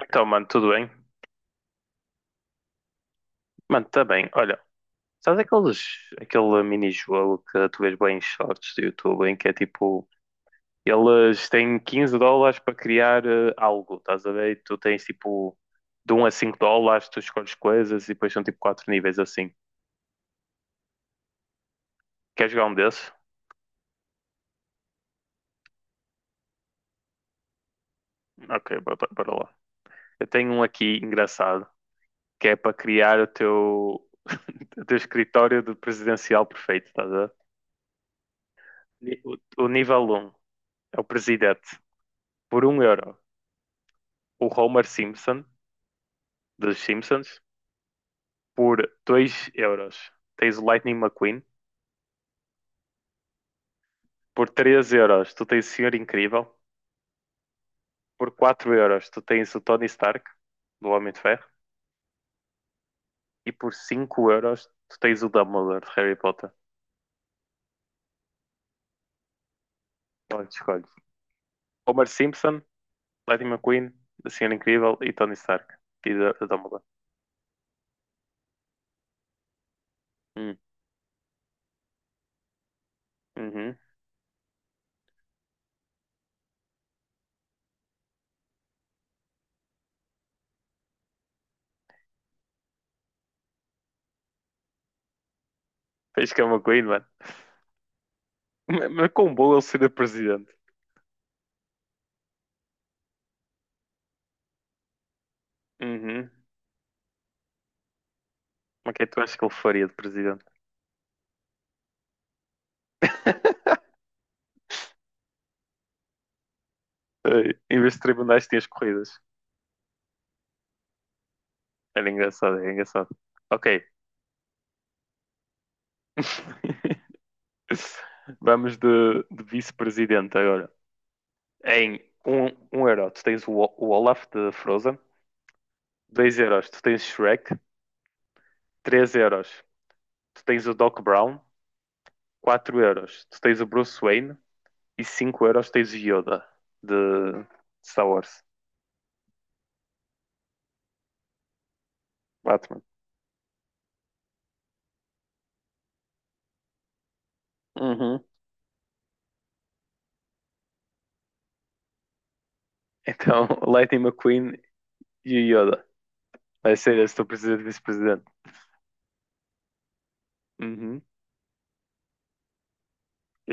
Então, mano, tudo bem? Mano, tá bem. Olha, sabes aquele mini-jogo que tu vês bem em shorts do YouTube, em que é tipo, eles têm 15 dólares para criar algo, estás a ver? E tu tens tipo, de um a 5 dólares, tu escolhes coisas e depois são tipo 4 níveis assim. Quer jogar um desses? Ok, bora, bora lá. Eu tenho um aqui engraçado, que é para criar o teu, o teu escritório de presidencial perfeito, estás a ver? Ni- O, o nível um é o presidente, por um euro. O Homer Simpson dos Simpsons por 2 euros. Tens o Lightning McQueen por 3 euros. Tu tens o Senhor Incrível por 4 euros. Tu tens o Tony Stark do Homem de Ferro e por 5 euros tu tens o Dumbledore de Harry Potter. Onde escolhes? Homer Simpson, Lightning McQueen, o Senhor Incrível e Tony Stark e Dumbledore. Hum, uhum. Fez que é o McQueen, mano. Mas com bom ele seria presidente. Uhum. Mas o que é que tu achas que ele faria de presidente? Ai, em vez de tribunais, tinhas corridas. Era engraçado, era engraçado. Ok. Vamos de, vice-presidente agora. Em um euro, tu tens o Olaf de Frozen. Dois euros, tu tens Shrek. Três euros, tu tens o Doc Brown. Quatro euros, tu tens o Bruce Wayne. E 5 euros, tens o Yoda de Star Wars. Batman. Uhum. Então, Lightning McQueen e o Yoda. Vai ser esse o teu presidente e vice-presidente. Uhum.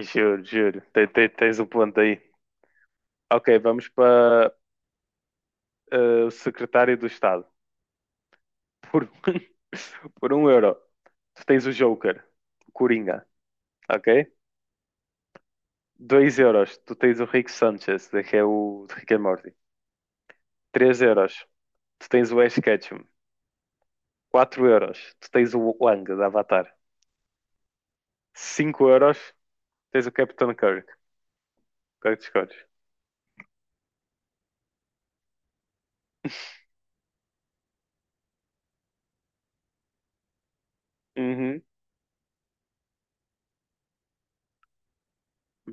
Juro, juro. Tens o ponto aí. Ok, vamos para o secretário do Estado. Por, por um euro, tu tens o Joker, o Coringa, ok? Dois euros, tu tens o Rick Sanchez, que é o de Rick and Morty. Três euros, tu tens o Ash Ketchum. Quatro euros, tu tens o Wang, da Avatar. Cinco euros, tens o Capitão Kirk. Qual é que tu escolhes? Uhum.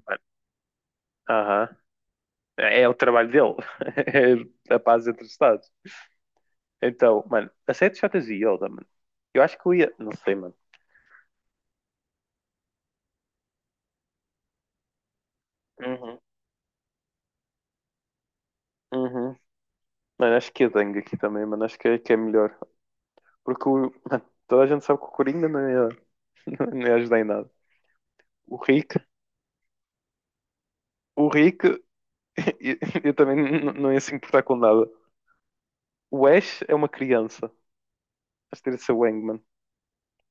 Mano, aham. É o trabalho dele. É a paz entre os Estados. Então, mano, a série de Jotas e Yoda, mano. Eu acho que eu ia. Não sei, mano. Uhum, uhum. Mano, acho que a Dengue aqui também, mano. Acho que é melhor. Porque o. Mano, toda a gente sabe que o Coringa não ia, não ia ajudar em nada. O Rick. O Rick. Eu, eu também não ia se importar com nada. O Ash é uma criança. Acho que teria de ser o Aang, mano.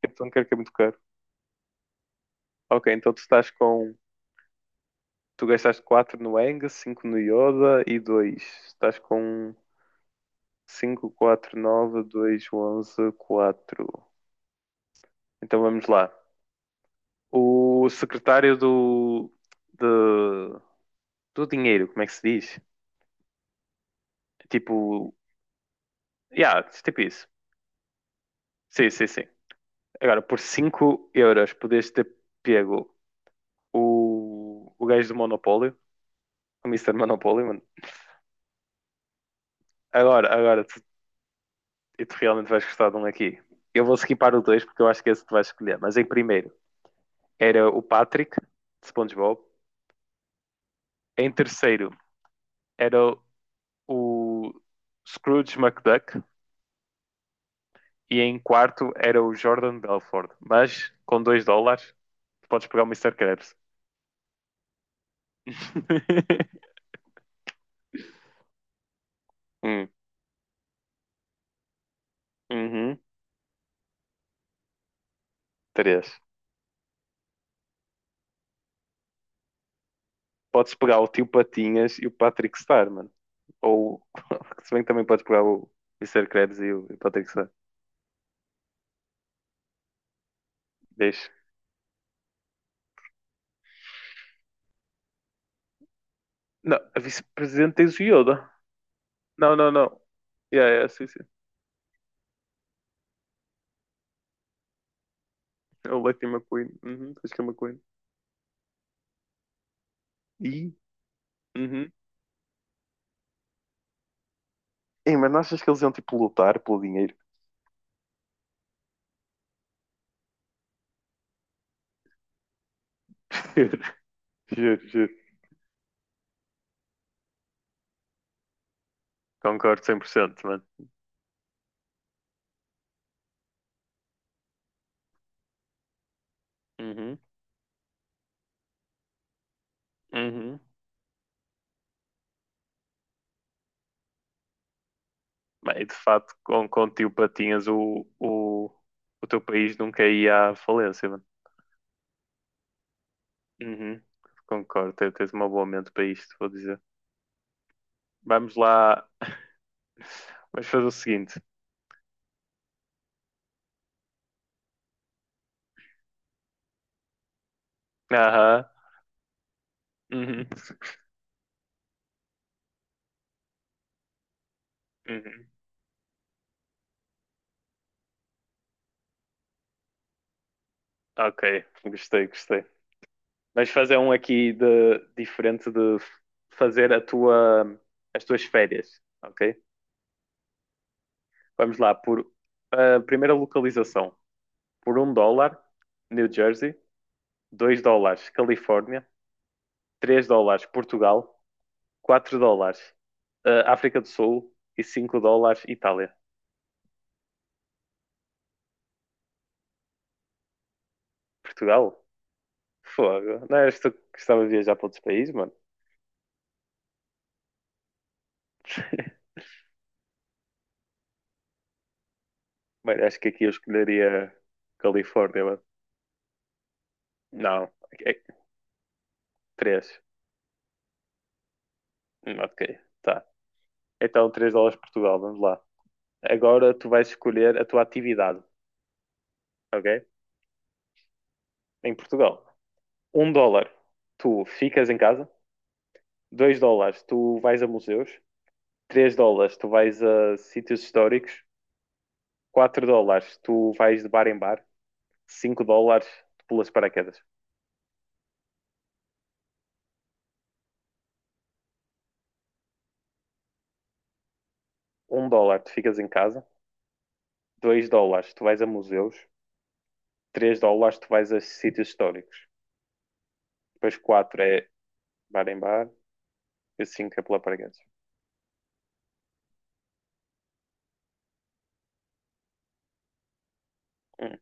Capitão Kirk é muito caro. Ok, então tu estás com. Tu gastaste 4 no Aang, cinco no Yoda e dois. Estás com 5, 4, 9, 2, 11, 4. Então vamos lá. O secretário do, de- do dinheiro, como é que se diz? Tipo, yeah, tipo isso. Sim, sim, sim. Agora, por 5 euros podias ter pego o gajo do Monopólio, o Mister Monopólio, mano. Agora, e tu realmente vais gostar de um aqui. Eu vou skipar o 2 porque eu acho que é esse que tu vais escolher. Mas em primeiro era o Patrick, de SpongeBob. Em terceiro era o Scrooge McDuck. E em quarto era o Jordan Belfort. Mas com 2 dólares, podes pegar o Mister Krabs. Hum, uhum, três. Podes pegar o Tio Patinhas e o Patrick Star, mano. Ou, se bem que também podes pegar o Mister Krabs e o, Patrick Star. Deixa. Não, a vice-presidente tens o Yoda. Não, não, não. Yeah, yeah, sim, sim. É o Lightning McQueen. Uhum, acho que é McQueen. E? Uhum. Ei, mas não achas que eles iam, tipo, lutar pelo dinheiro? Juro, juro, juro. Concordo 100%, mano. Uhum. Uhum. Bem, de facto com, o tio Patinhas, o teu país nunca ia à falência, mano. Uhum. Concordo, tens uma boa mente para isto, vou dizer. Vamos lá, vamos fazer o seguinte. Aham. Uhum. Uhum. Ok, gostei, gostei. Vamos fazer um aqui de, diferente de fazer as tuas férias, ok? Vamos lá, por a primeira localização. Por um dólar, New Jersey. Dois dólares, Califórnia. Três dólares Portugal, 4 dólares África do Sul e 5 dólares Itália. Portugal? Fogo. Não eras tu que gostava de viajar para outros países, mano? Bem, acho que aqui eu escolheria Califórnia, mano. Não, é 3. Ok, tá. Então 3 dólares Portugal, vamos lá. Agora tu vais escolher a tua atividade, ok? Em Portugal. Um dólar, tu ficas em casa. Dois dólares, tu vais a museus. Três dólares, tu vais a sítios históricos. 4 dólares tu vais de bar em bar. 5 dólares tu pulas de paraquedas. Um dólar tu ficas em casa, dois dólares tu vais a museus, três dólares tu vais a sítios históricos, depois 4 é bar em bar e 5 é pular paraquedas. Hum,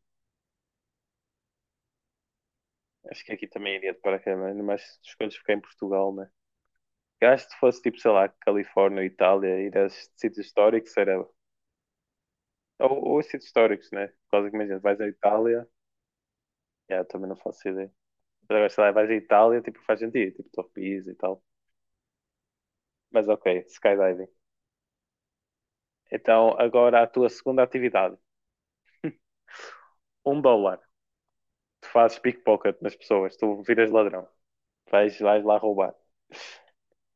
Acho que aqui também iria de paraquedas, mas escolhes ficar em Portugal, né? Eu acho que se fosse tipo, sei lá, Califórnia, Itália, ir a sítios históricos era. Ou, sítios históricos, né? Por causa que imagina, vais à Itália, yeah, também não faço ideia. Mas agora, sei lá, vais à Itália, tipo, faz sentido, tipo, Top Pisa e tal. Mas ok, skydiving. Então, agora a tua segunda atividade. Um dólar. Tu fazes pickpocket nas pessoas. Tu viras ladrão. Vais lá roubar.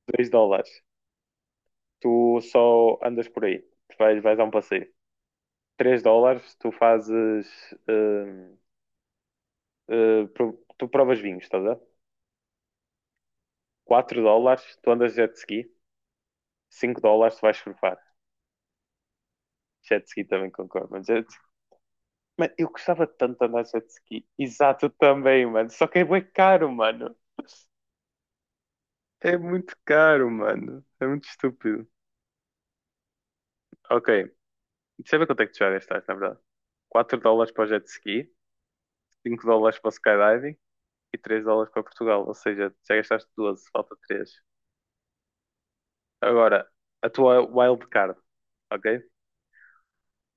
Dois dólares. Tu só andas por aí. Tu vais a um passeio. Três dólares. Hum, tu provas vinhos, estás a ver? Quatro dólares. Tu andas de jet ski. Cinco dólares. Tu vais surfar. Jet ski também concordo. Mas jet... Mano, eu gostava tanto de andar de jet ski. Exato, eu também, mano. Só que é bué caro, mano. É muito caro, mano. É muito estúpido. Ok. Deixa eu ver quanto é que tu já gastaste, na verdade. 4 dólares para o jet ski, 5 dólares para o skydiving e 3 dólares para Portugal. Ou seja, já gastaste 12, falta 3. Agora, a tua wildcard, ok?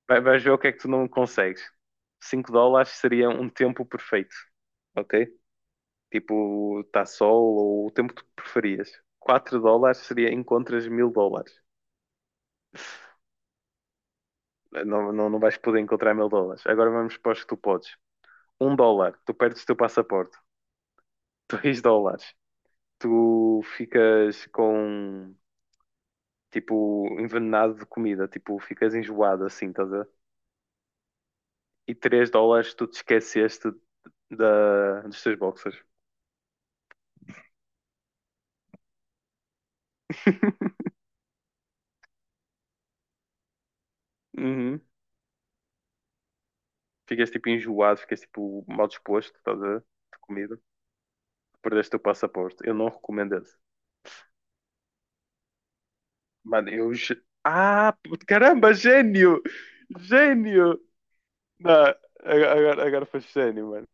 Vais ver o que é que tu não consegues. 5 dólares seria um tempo perfeito, ok? Tipo, está sol ou o tempo que tu preferias. 4 dólares seria encontras 1000 dólares. Não, não, não vais poder encontrar 1000 dólares. Agora vamos para os que tu podes. Um dólar, tu perdes o teu passaporte. Dois dólares, tu ficas com tipo envenenado de comida, tipo ficas enjoado assim, estás a ver? E três dólares tu te esqueceste dos teus boxers. Uhum. Ficas tipo enjoado, ficas tipo mal disposto, estás a ver? De comida, perdeste o teu passaporte. Eu não recomendo esse. Mano, eu. Ah, puto, caramba, gênio! Gênio! Não, agora, agora foi gênio, mano.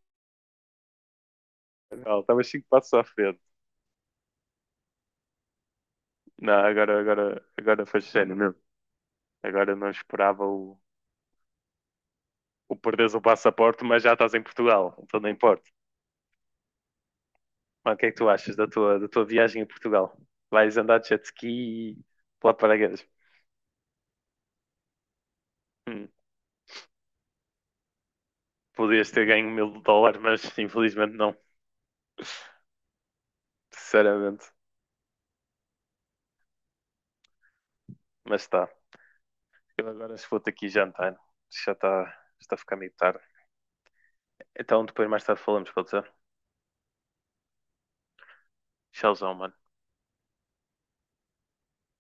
Estava 5 passos à frente. Não, agora, agora faz sério mesmo. Agora não esperava o, perderes o passaporte, mas já estás em Portugal, então não importa. Mas o que é que tu achas da tua viagem a Portugal? Vais andar de jet ski e pular de paraquedas. Hum, Podias ter ganho 1000 dólares, mas infelizmente não, sinceramente. Mas está. Eu agora se vou-te aqui jantar, já está, a ficar meio tarde. Então depois mais tarde falamos, pode ser? Tchauzão, mano.